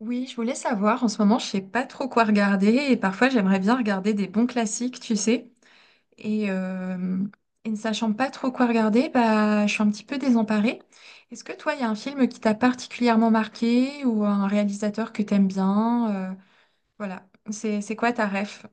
Oui, je voulais savoir, en ce moment, je sais pas trop quoi regarder et parfois j'aimerais bien regarder des bons classiques, tu sais. Et, euh, et ne sachant pas trop quoi regarder, bah, je suis un petit peu désemparée. Est-ce que toi, il y a un film qui t'a particulièrement marqué ou un réalisateur que t'aimes bien? Voilà, c'est quoi ta ref?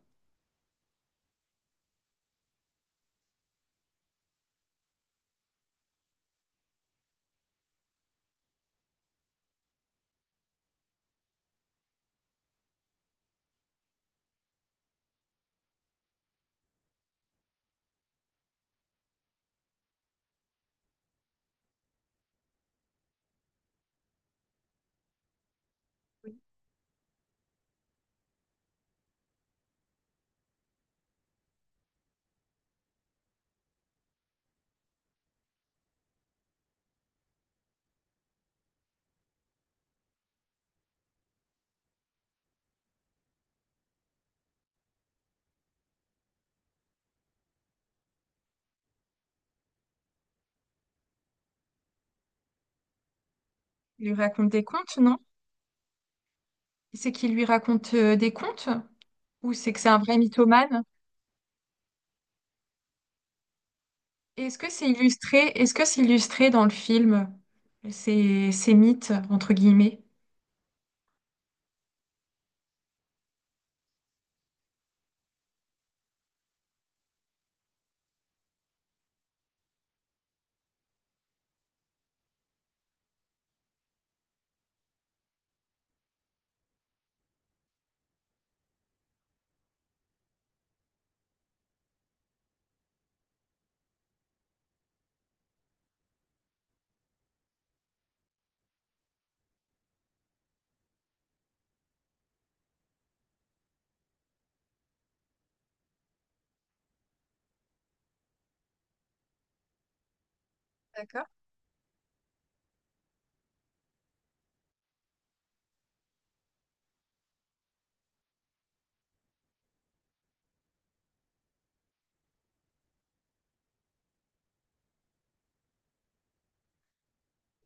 Il lui raconte des contes, non? C'est qu'il lui raconte des contes ou c'est que c'est un vrai mythomane? Et est-ce que c'est illustré? Est-ce que c'est illustré dans le film, ces, ces mythes, entre guillemets? D'accord.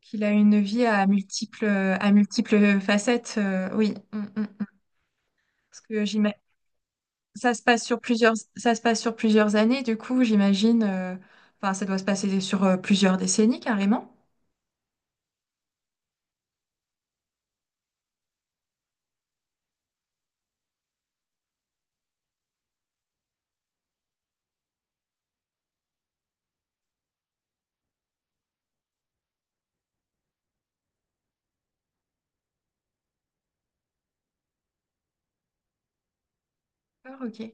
Qu'il a une vie à multiples facettes. Oui. Mm, mm, mm. Parce que ça se passe sur plusieurs, ça se passe sur plusieurs années. Du coup, j'imagine, enfin, ça doit se passer sur plusieurs décennies carrément. D'accord, ok.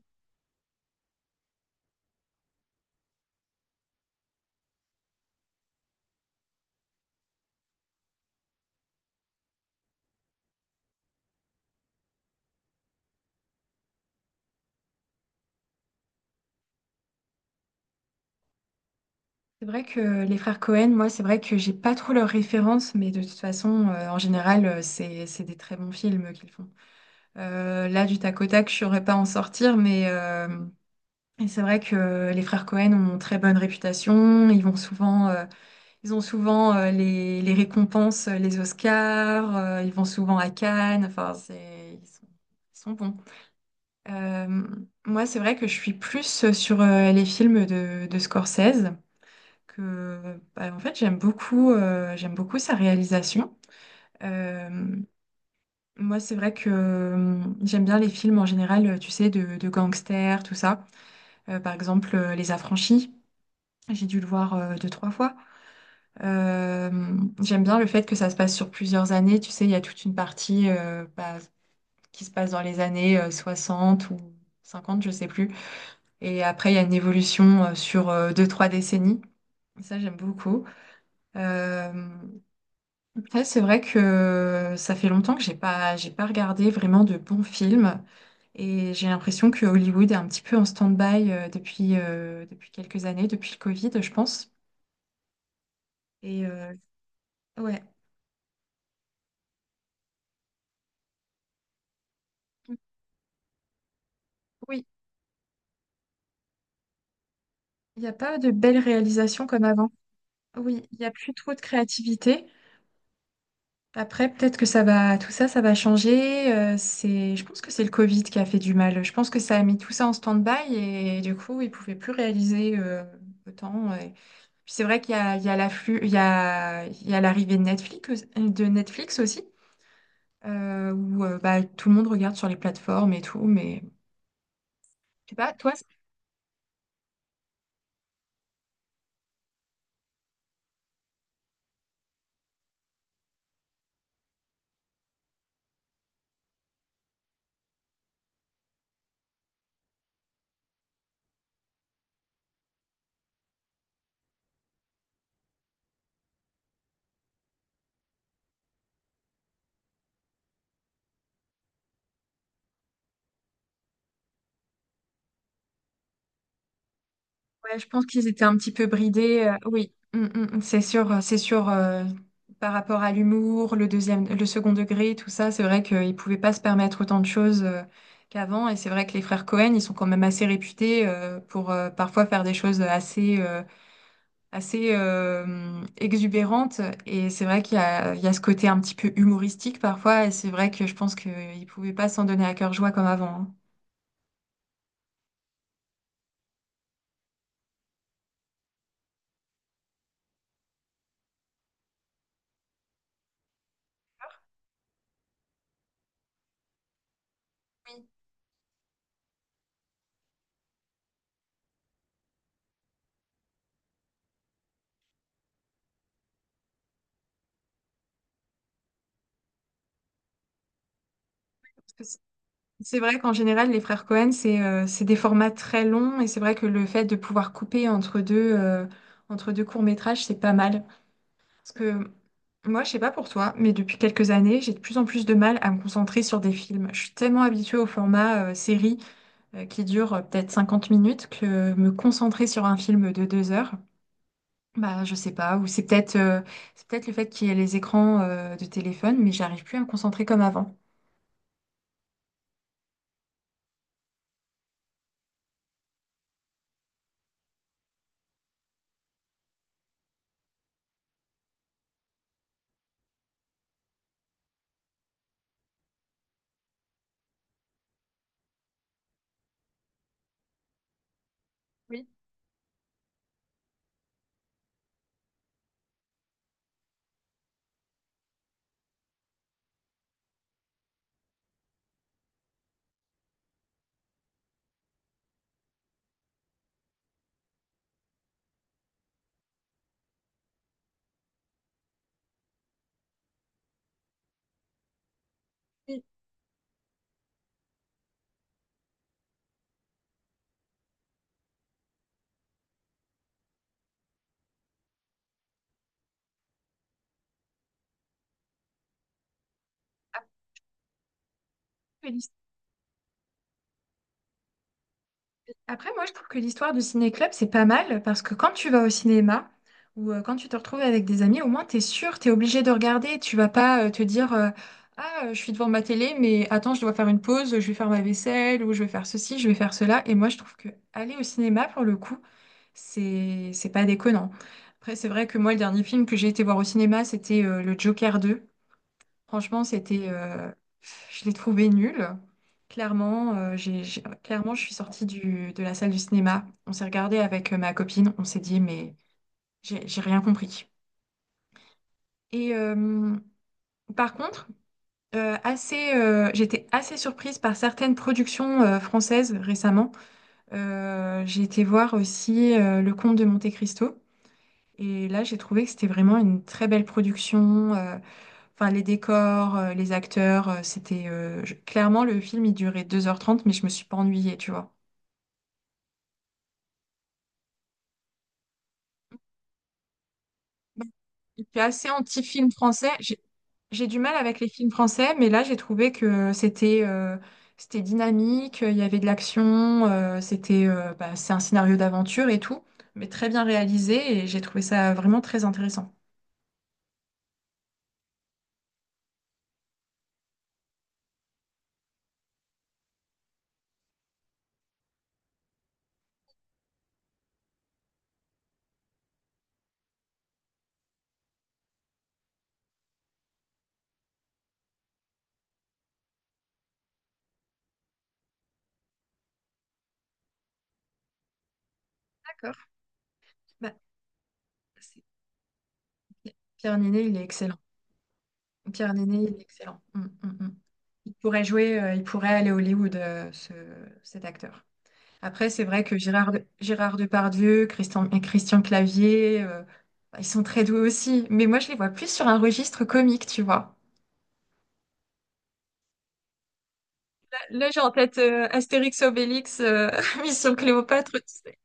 C'est vrai que les frères Cohen, moi, c'est vrai que j'ai pas trop leurs références, mais de toute façon, en général, c'est des très bons films qu'ils font. Là, du tac au tac, je saurais pas en sortir, mais et c'est vrai que les frères Cohen ont une très bonne réputation. Ils vont souvent ils ont souvent les récompenses, les Oscars, ils vont souvent à Cannes, enfin, c'est, ils sont bons. Euh, Moi, c'est vrai que je suis plus sur les films de Scorsese, que bah, en fait, j'aime beaucoup sa réalisation. Euh, Moi, c'est vrai que j'aime bien les films en général, tu sais, de gangsters, tout ça. Par exemple, Les Affranchis, j'ai dû le voir deux, trois fois. Euh, J'aime bien le fait que ça se passe sur plusieurs années. Tu sais, il y a toute une partie bah, qui se passe dans les années 60 ou 50, je sais plus. Et après, il y a une évolution sur deux, trois décennies. Ça, j'aime beaucoup. Euh, Après, c'est vrai que ça fait longtemps que j'ai pas regardé vraiment de bons films. Et j'ai l'impression que Hollywood est un petit peu en stand-by depuis, depuis quelques années, depuis le Covid, je pense. Et euh, ouais. Oui. Il n'y a pas de belles réalisations comme avant. Oui, il n'y a plus trop de créativité. Après, peut-être que ça va, tout ça, ça va changer. C'est, je pense que c'est le Covid qui a fait du mal. Je pense que ça a mis tout ça en stand-by et du coup, ils ne pouvaient plus réaliser autant. Et puis c'est vrai qu'il y a, il y a l'afflux, il y a l'arrivée de Netflix aussi, où bah, tout le monde regarde sur les plateformes et tout. Mais je sais pas, toi. Ouais, je pense qu'ils étaient un petit peu bridés. Oui. Mm, mm, mm, c'est sûr, c'est sûr. Par rapport à l'humour, le deuxième, le second degré, tout ça, c'est vrai qu'ils pouvaient pas se permettre autant de choses qu'avant. Et c'est vrai que les frères Cohen, ils sont quand même assez réputés pour parfois faire des choses assez, assez exubérantes. Et c'est vrai qu'il y a, il y a ce côté un petit peu humoristique parfois. Et c'est vrai que je pense qu'ils pouvaient pas s'en donner à cœur joie comme avant, hein. Oui. C'est vrai qu'en général, les frères Cohen, c'est des formats très longs et c'est vrai que le fait de pouvoir couper entre deux courts-métrages, c'est pas mal. Parce que moi, je sais pas pour toi, mais depuis quelques années, j'ai de plus en plus de mal à me concentrer sur des films. Je suis tellement habituée au format série qui dure peut-être 50 minutes que me concentrer sur un film de deux heures, bah, je sais pas. Ou c'est peut-être c'est peut-être le fait qu'il y ait les écrans de téléphone, mais j'arrive plus à me concentrer comme avant. Oui. Oui. Après, moi, je trouve que l'histoire du ciné-club, c'est pas mal parce que quand tu vas au cinéma ou quand tu te retrouves avec des amis, au moins, t'es sûr, t'es obligé de regarder. Tu vas pas te dire ah, je suis devant ma télé, mais attends, je dois faire une pause, je vais faire ma vaisselle ou je vais faire ceci, je vais faire cela. Et moi, je trouve que aller au cinéma, pour le coup, c'est pas déconnant. Après, c'est vrai que moi, le dernier film que j'ai été voir au cinéma, c'était le Joker 2. Franchement, c'était, je l'ai trouvé nul. Clairement, clairement, je suis sortie du, de la salle du cinéma. On s'est regardé avec ma copine. On s'est dit, mais j'ai rien compris. Et euh, Par contre, j'étais assez surprise par certaines productions françaises récemment. J'ai été voir aussi Le Comte de Monte-Cristo. Et là, j'ai trouvé que c'était vraiment une très belle production. Enfin, les décors, les acteurs, c'était... Clairement, le film, il durait deux heures trente, mais je me suis pas ennuyée, tu vois. Je suis assez anti-film français. J'ai du mal avec les films français, mais là, j'ai trouvé que c'était c'était dynamique, il y avait de l'action, c'était bah, c'est un scénario d'aventure et tout, mais très bien réalisé, et j'ai trouvé ça vraiment très intéressant. D'accord. Bah, c'est- Pierre Ninet, il est excellent. Pierre Niney, il est excellent. Mm, mm, mm. Il pourrait jouer, il pourrait aller à Hollywood, cet acteur. Après, c'est vrai que Gérard Depardieu, et Christian Clavier, bah, ils sont très doués aussi. Mais moi, je les vois plus sur un registre comique, tu vois. Là, j'ai en tête Astérix Obélix, Mission Cléopâtre, tu sais.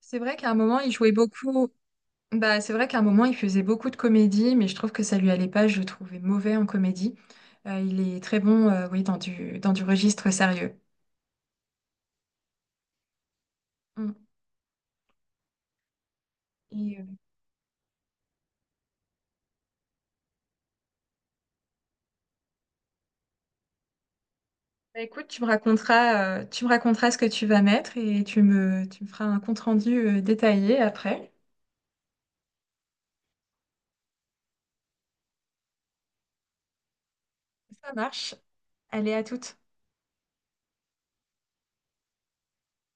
C'est vrai qu'à un moment, il jouait beaucoup. Bah, c'est vrai qu'à un moment, il faisait beaucoup de comédie, mais je trouve que ça lui allait pas. Je le trouvais mauvais en comédie. Il est très bon, oui, dans du registre sérieux. Mm. Et, euh, Bah, écoute, tu me raconteras ce que tu vas mettre et tu me feras un compte-rendu, détaillé après. Ça marche. Allez, à toutes.